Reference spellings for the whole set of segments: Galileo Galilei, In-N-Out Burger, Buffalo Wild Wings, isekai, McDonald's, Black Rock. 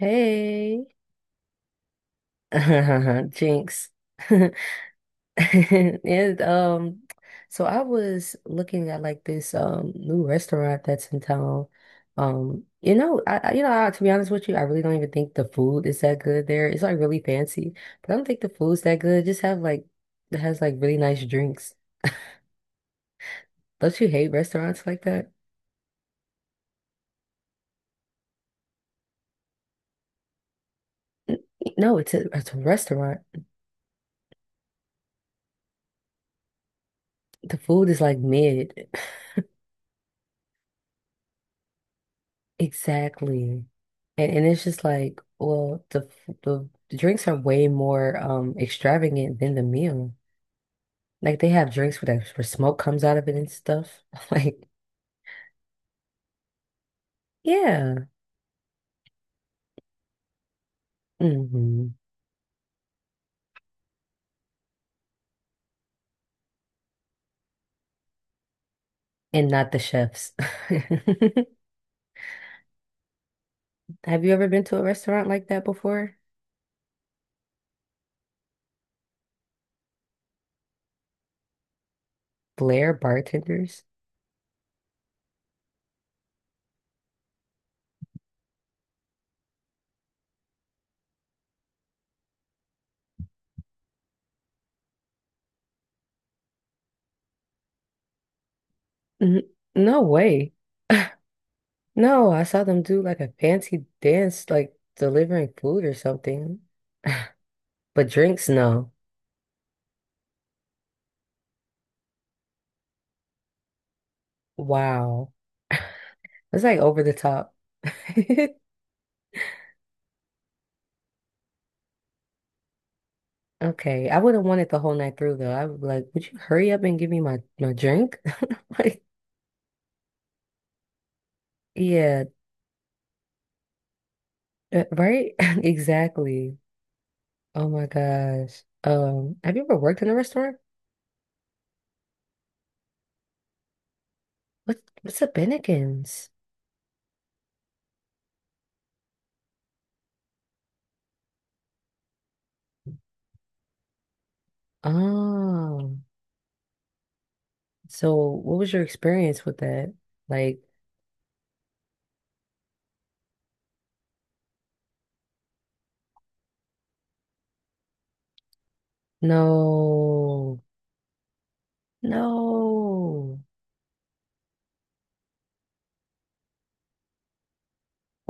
Hey. Jinx. And so I was looking at like this new restaurant that's in town. You know, I- you know, I, to be honest with you, I really don't even think the food is that good there. It's like really fancy, but I don't think the food's that good. Just have like it has like really nice drinks. Don't you hate restaurants like that? N- No, it's a restaurant. The food is like mid. Exactly. And it's just like, well, the drinks are way more extravagant than the meal. Like they have drinks where smoke comes out of it and stuff. Like, yeah. hmm And not the chefs. Have you ever been to a restaurant like that before? Blair bartenders? N no way. No, I saw them do like a fancy dance, like delivering food or something. But drinks, no. Wow. It's like over the top. Okay, I wouldn't want it the whole night through though. I would be like, would you hurry up and give me my drink? Like, yeah, right? Exactly. Oh my gosh. Have you ever worked in a restaurant? What's a Bennigan's? Oh, so what was your experience with that? Like, no, no.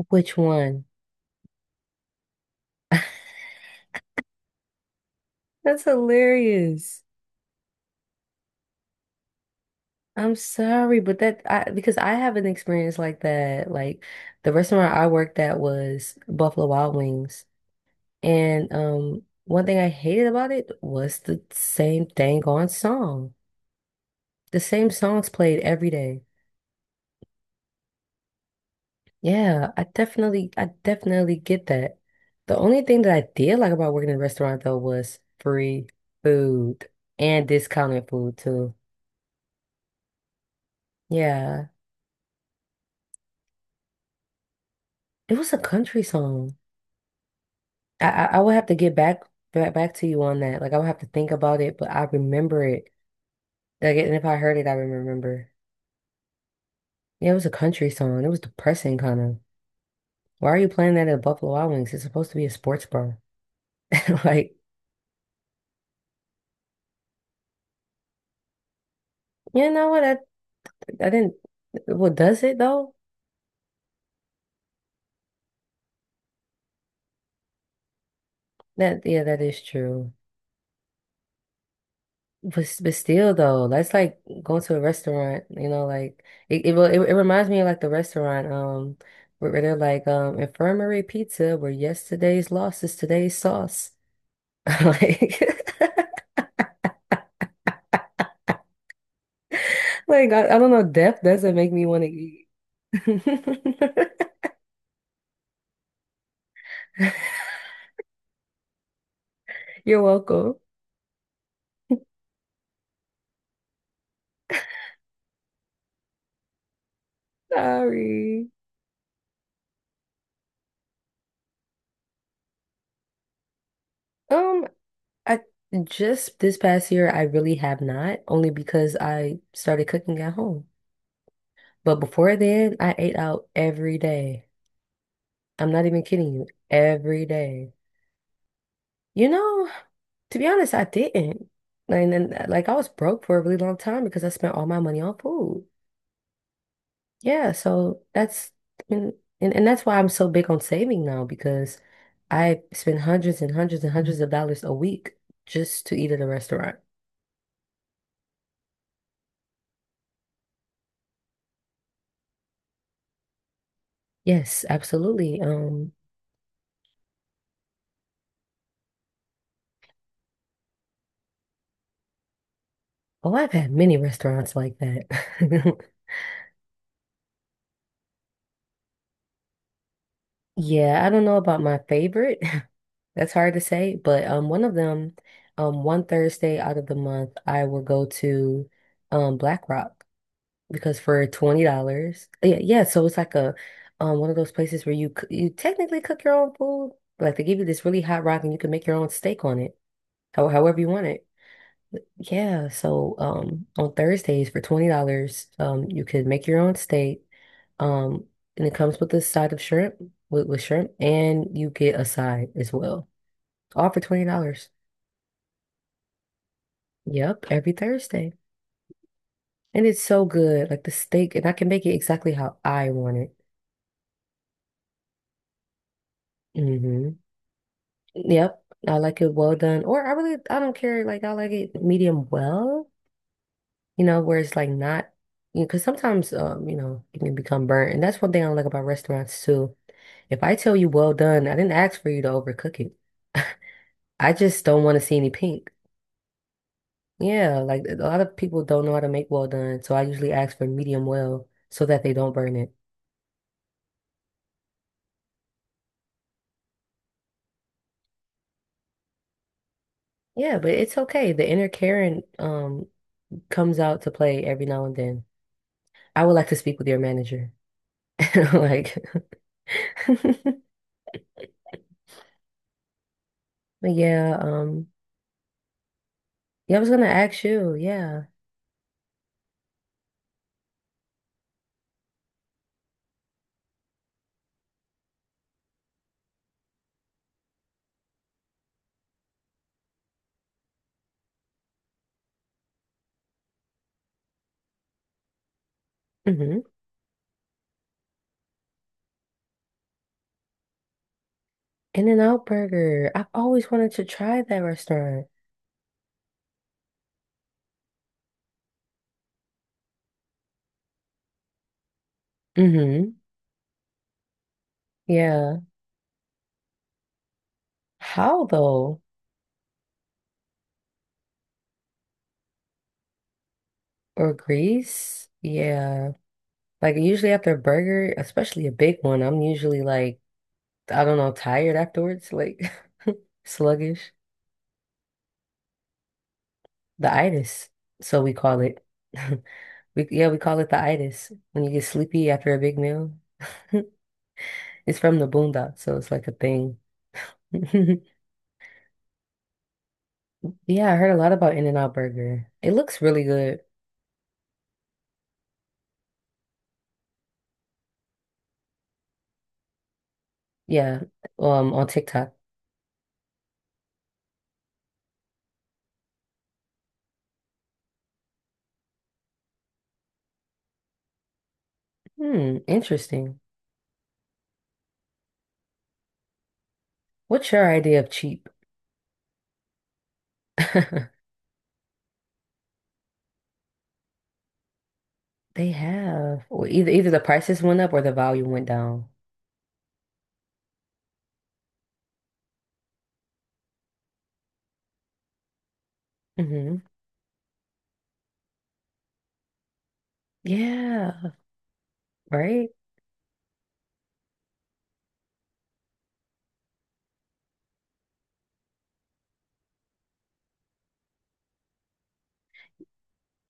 Which one? That's hilarious. I'm sorry, but that I because I have an experience like that. Like the restaurant I worked at was Buffalo Wild Wings. And one thing I hated about it was the same dang on song. The same songs played every day. Yeah, I definitely get that. The only thing that I did like about working in a restaurant though was free food and discounted food too. Yeah. It was a country song. I would have to get back to you on that. Like I would have to think about it, but I remember it. Like and if I heard it, I would remember. Yeah, it was a country song. It was depressing, kind of. Why are you playing that at Buffalo Wild Wings? It's supposed to be a sports bar. Like, you know what? I didn't. Well, does it though? That yeah, that is true. But still though, that's like going to a restaurant. You know, like it will- it reminds me of like the restaurant where they're like infirmary pizza where yesterday's loss is today's sauce. Like, like I don't know, death doesn't make me want to eat. You're welcome. Sorry. Um, I just this past year I really have not, only because I started cooking at home. But before then, I ate out every day. I'm not even kidding you, every day. You know, to be honest, I didn't. And then, like, I was broke for a really long time because I spent all my money on food. Yeah, so that's and, and that's why I'm so big on saving now because I spend hundreds and hundreds and hundreds of dollars a week just to eat at a restaurant. Yes, absolutely. Oh, I've had many restaurants like that. Yeah, I don't know about my favorite. That's hard to say, but one of them, one Thursday out of the month, I will go to Black Rock. Because for $20, yeah, yeah, so it's like a one of those places where you technically cook your own food. Like they give you this really hot rock and you can make your own steak on it, however you want it. Yeah, so on Thursdays for $20, you could make your own steak. Um and it comes with a side of shrimp with shrimp and you get a side as well. All for $20. Yep, every Thursday. And it's so good. Like the steak, and I can make it exactly how I want it. Hmm Yep, I like it well done. Or I really, I don't care. Like I like it medium well, you know, where it's like not, you know, because sometimes, you know, it can become burnt, and that's one thing I like about restaurants too. If I tell you well done, I didn't ask for you to overcook it. I just don't want to see any pink. Yeah, like a lot of people don't know how to make well done, so I usually ask for medium well so that they don't burn it. Yeah, but it's okay. The inner Karen comes out to play every now and then. I would like to speak with your manager. Like But yeah, yeah, I was gonna ask you, yeah. Mm-hmm. In-N-Out Burger. I've always wanted to try that restaurant. Mm-hmm. Yeah. How though? Or Greece? Yeah. Like usually after a burger, especially a big one, I'm usually like, I don't know, tired afterwards, like sluggish. The itis, so we call it. We yeah, we call it the itis when you get sleepy after a big meal. It's from the boondocks, so it's like a thing. Yeah, I heard a lot about In-N-Out Burger. It looks really good. Yeah, on TikTok. Hmm, interesting. What's your idea of cheap? They have. Well, either the prices went up or the volume went down. Hmm Yeah, right?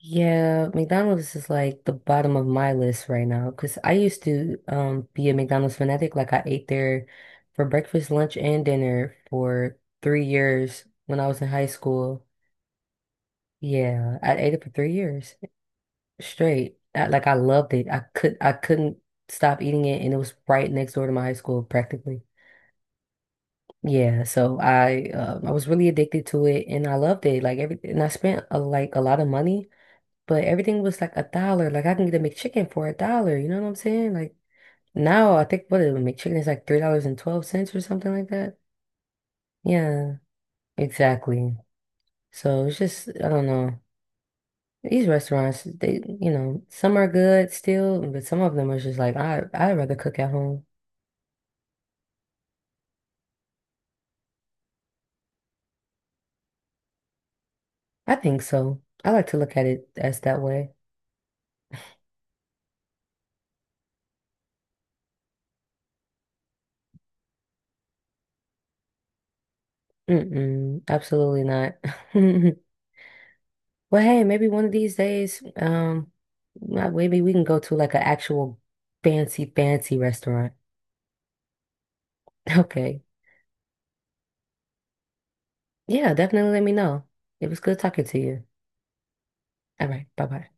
Yeah, McDonald's is like the bottom of my list right now because I used to be a McDonald's fanatic. Like I ate there for breakfast, lunch, and dinner for 3 years when I was in high school. Yeah, I ate it for 3 years. Straight. Like I loved it. I could I couldn't stop eating it, and it was right next door to my high school practically. Yeah, so I was really addicted to it, and I loved it. Like everything, and like a lot of money, but everything was like a dollar. Like I can get a McChicken for a dollar. You know what I'm saying? Like now, I think what a McChicken is like $3 and 12 cents or something like that. Yeah, exactly. So it's just I don't know. These restaurants, they, you know, some are good still, but some of them are just like, I'd rather cook at home. I think so. I like to look at it as that way. Mm-mm, absolutely not. Well, hey, maybe one of these days, maybe we can go to like an actual fancy restaurant. Okay. Yeah, definitely let me know. It was good talking to you. All right, bye-bye.